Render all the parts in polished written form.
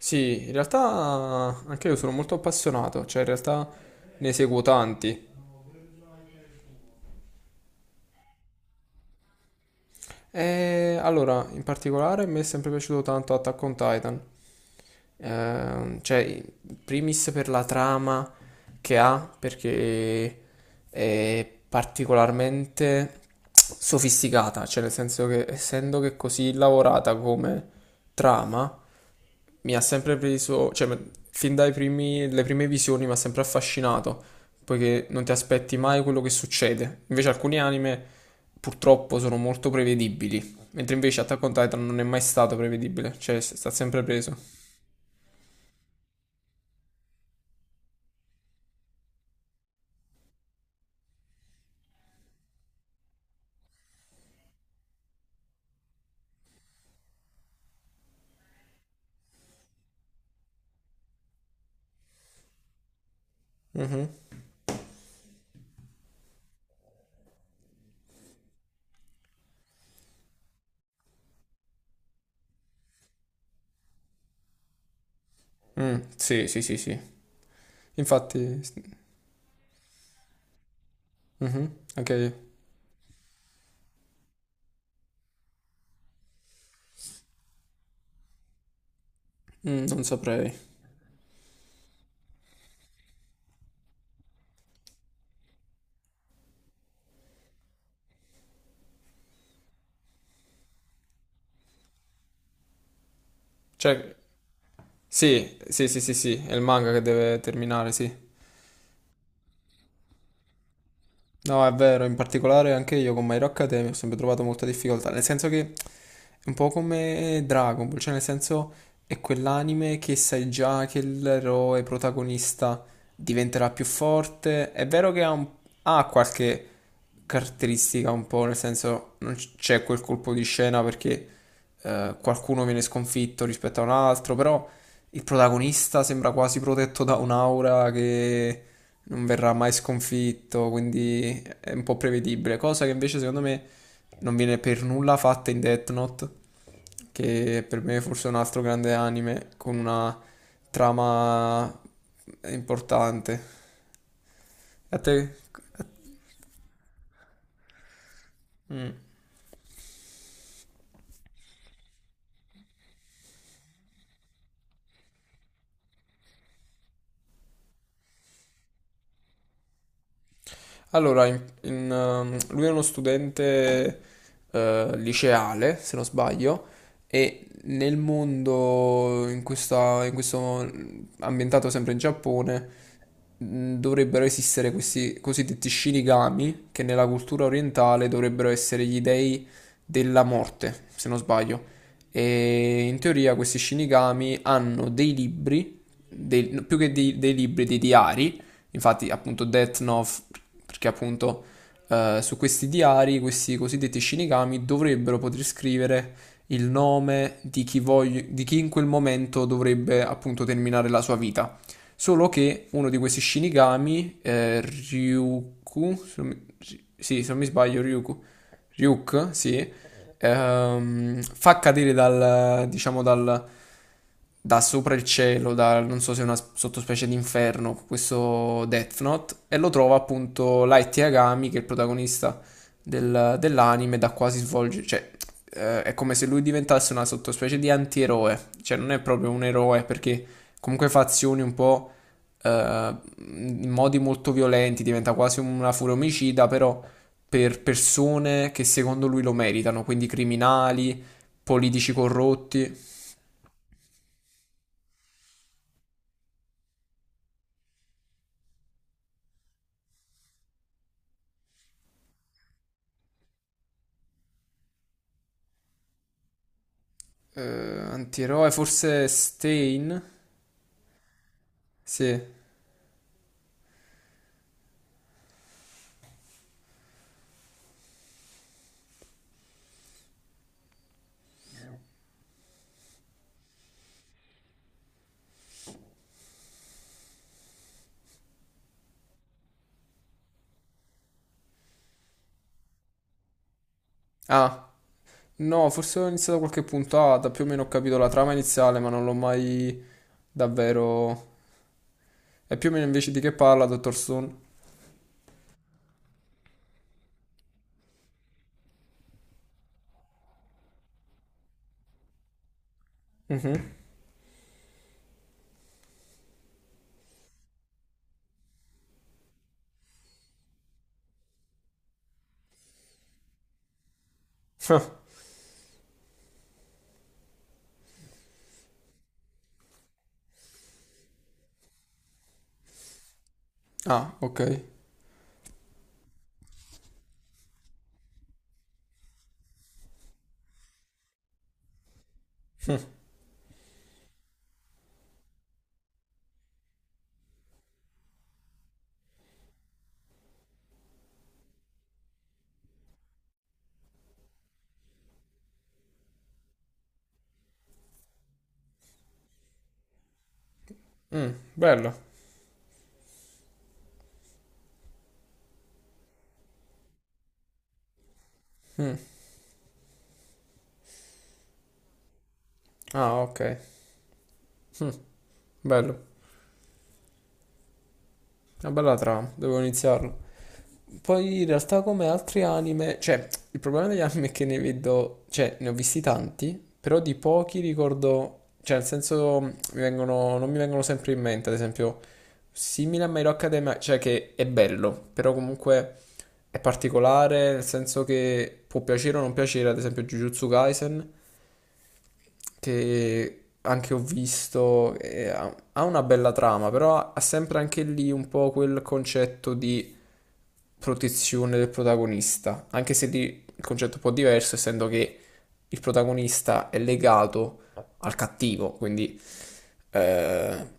Sì, in realtà anche io sono molto appassionato, cioè in realtà ne seguo tanti. Allora, in particolare mi è sempre piaciuto tanto Attack on Titan, cioè in primis per la trama che ha, perché è particolarmente sofisticata, cioè nel senso che essendo che è così lavorata come trama, mi ha sempre preso, cioè fin dai primi, le prime visioni mi ha sempre affascinato, poiché non ti aspetti mai quello che succede. Invece alcuni anime purtroppo sono molto prevedibili, mentre invece Attack on Titan non è mai stato prevedibile, cioè sta sempre preso. Mhm. Mm, sì, sì, sì, sì. Infatti, anche io. Mm, non saprei. Cioè, sì, sì, sì, sì, sì, è il manga che deve terminare, sì. No, è vero, in particolare anche io con My Hero Academia ho sempre trovato molta difficoltà, nel senso che un po' come Dragon Ball, cioè nel senso è quell'anime che sai già che l'eroe protagonista diventerà più forte. È vero che ha qualche caratteristica un po', nel senso non c- c'è quel colpo di scena perché qualcuno viene sconfitto rispetto a un altro, però il protagonista sembra quasi protetto da un'aura che non verrà mai sconfitto, quindi è un po' prevedibile, cosa che invece secondo me non viene per nulla fatta in Death Note, che per me è forse un altro grande anime con una trama importante. E a te? Mm. Allora, lui è uno studente liceale, se non sbaglio, e nel mondo, in questo ambientato sempre in Giappone, dovrebbero esistere questi cosiddetti Shinigami, che nella cultura orientale dovrebbero essere gli dei della morte, se non sbaglio. E in teoria questi Shinigami hanno dei libri, no, più che dei libri, dei diari. Infatti, appunto, Death Note, perché appunto su questi diari, questi cosiddetti Shinigami dovrebbero poter scrivere il nome di chi, di chi in quel momento dovrebbe appunto terminare la sua vita. Solo che uno di questi Shinigami, Ryuku, se non mi- sì, se non mi sbaglio, Ryuku, Ryuk, sì, fa cadere dal, da sopra il cielo, da, non so se è una sottospecie di inferno, questo Death Note, e lo trova appunto Light Yagami, che è il protagonista dell'anime, da quasi svolge, cioè è come se lui diventasse una sottospecie di antieroe, cioè non è proprio un eroe perché comunque fa azioni un po' in modi molto violenti, diventa quasi una furia omicida, però per persone che secondo lui lo meritano, quindi criminali, politici corrotti, antieroe, forse Stein? Sì. Ah, no, forse ho iniziato qualche puntata, più o meno ho capito la trama iniziale, ma non l'ho mai davvero... E più o meno invece di che parla, dottor Stone? Ah, ok. Mm, bello. Mm, ah, ok. Mm, bello. Una bella trama, devo iniziarla. Poi in realtà come altri anime, cioè il problema degli anime è che ne vedo, cioè ne ho visti tanti, però di pochi ricordo, cioè nel senso mi vengono, non mi vengono sempre in mente, ad esempio simile a My Hero Academia, cioè che è bello, però comunque è particolare, nel senso che può piacere o non piacere, ad esempio Jujutsu Kaisen, che anche ho visto, ha una bella trama, però ha sempre anche lì un po' quel concetto di protezione del protagonista, anche se il concetto è un po' diverso, essendo che il protagonista è legato al cattivo, quindi eh,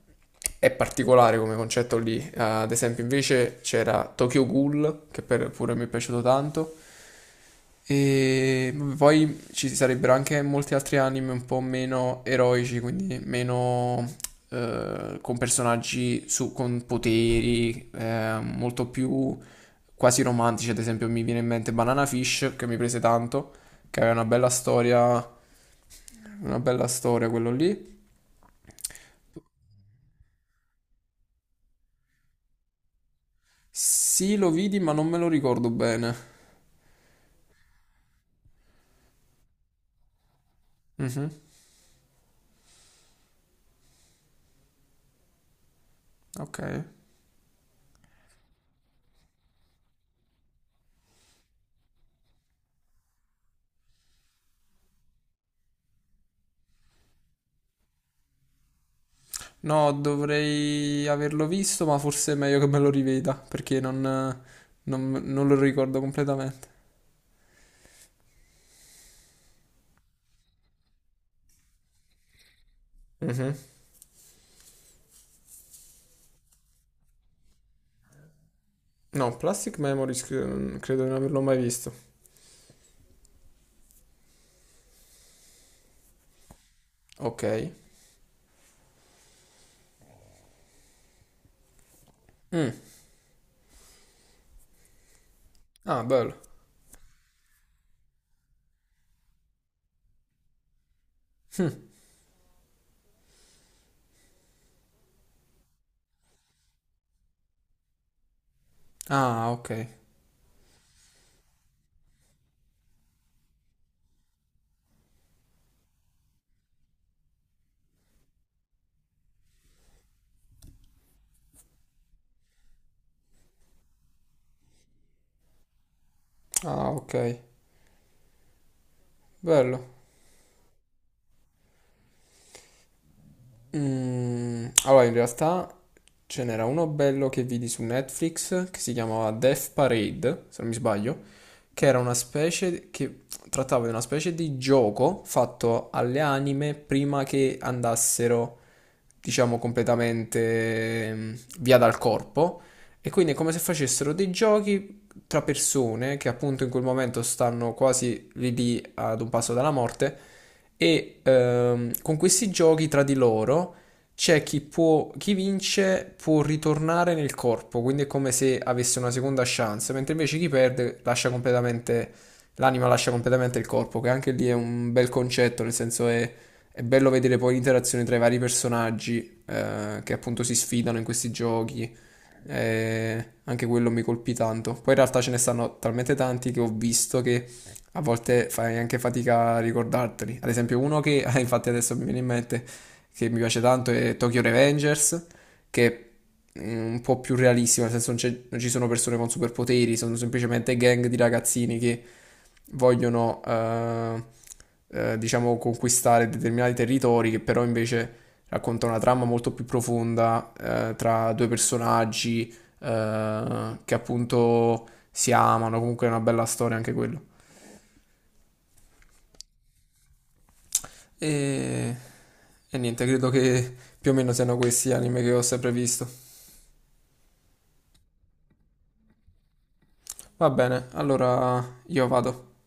è particolare come concetto lì. Ad esempio, invece c'era Tokyo Ghoul, che pure mi è piaciuto tanto, e poi ci sarebbero anche molti altri anime un po' meno eroici, quindi meno con personaggi con poteri, molto più quasi romantici. Ad esempio, mi viene in mente Banana Fish, che mi prese tanto, che aveva una bella storia quello lì. Sì, lo vidi, ma non me lo ricordo bene. Mhm, ok. No, dovrei averlo visto, ma forse è meglio che me lo riveda perché non lo ricordo completamente. Mhm. No, Plastic Memories credo di non averlo mai visto. Ok. Mm. Ah, bello. Ah, ok. Ah, ok. Bello. Mm, allora, in realtà ce n'era uno bello che vidi su Netflix che si chiamava Death Parade, se non mi sbaglio, che era una specie che trattava di una specie di gioco fatto alle anime prima che andassero, diciamo, completamente mm, via dal corpo. E quindi è come se facessero dei giochi tra persone che appunto in quel momento stanno quasi lì lì ad un passo dalla morte e con questi giochi tra di loro c'è chi può, chi vince può ritornare nel corpo, quindi è come se avesse una seconda chance, mentre invece chi perde lascia completamente, l'anima lascia completamente il corpo, che anche lì è un bel concetto, nel senso è bello vedere poi l'interazione tra i vari personaggi che appunto si sfidano in questi giochi anche quello mi colpì tanto. Poi in realtà ce ne stanno talmente tanti che ho visto che a volte fai anche fatica a ricordarteli. Ad esempio, uno che infatti adesso mi viene in mente che mi piace tanto è Tokyo Revengers, che è un po' più realistico, nel senso non ci sono persone con superpoteri, sono semplicemente gang di ragazzini che vogliono, diciamo, conquistare determinati territori, che però invece racconta una trama molto più profonda tra due personaggi che appunto si amano, comunque è una bella storia anche quello. E, e niente, credo che più o meno siano questi gli anime che ho sempre visto. Va bene, allora io vado.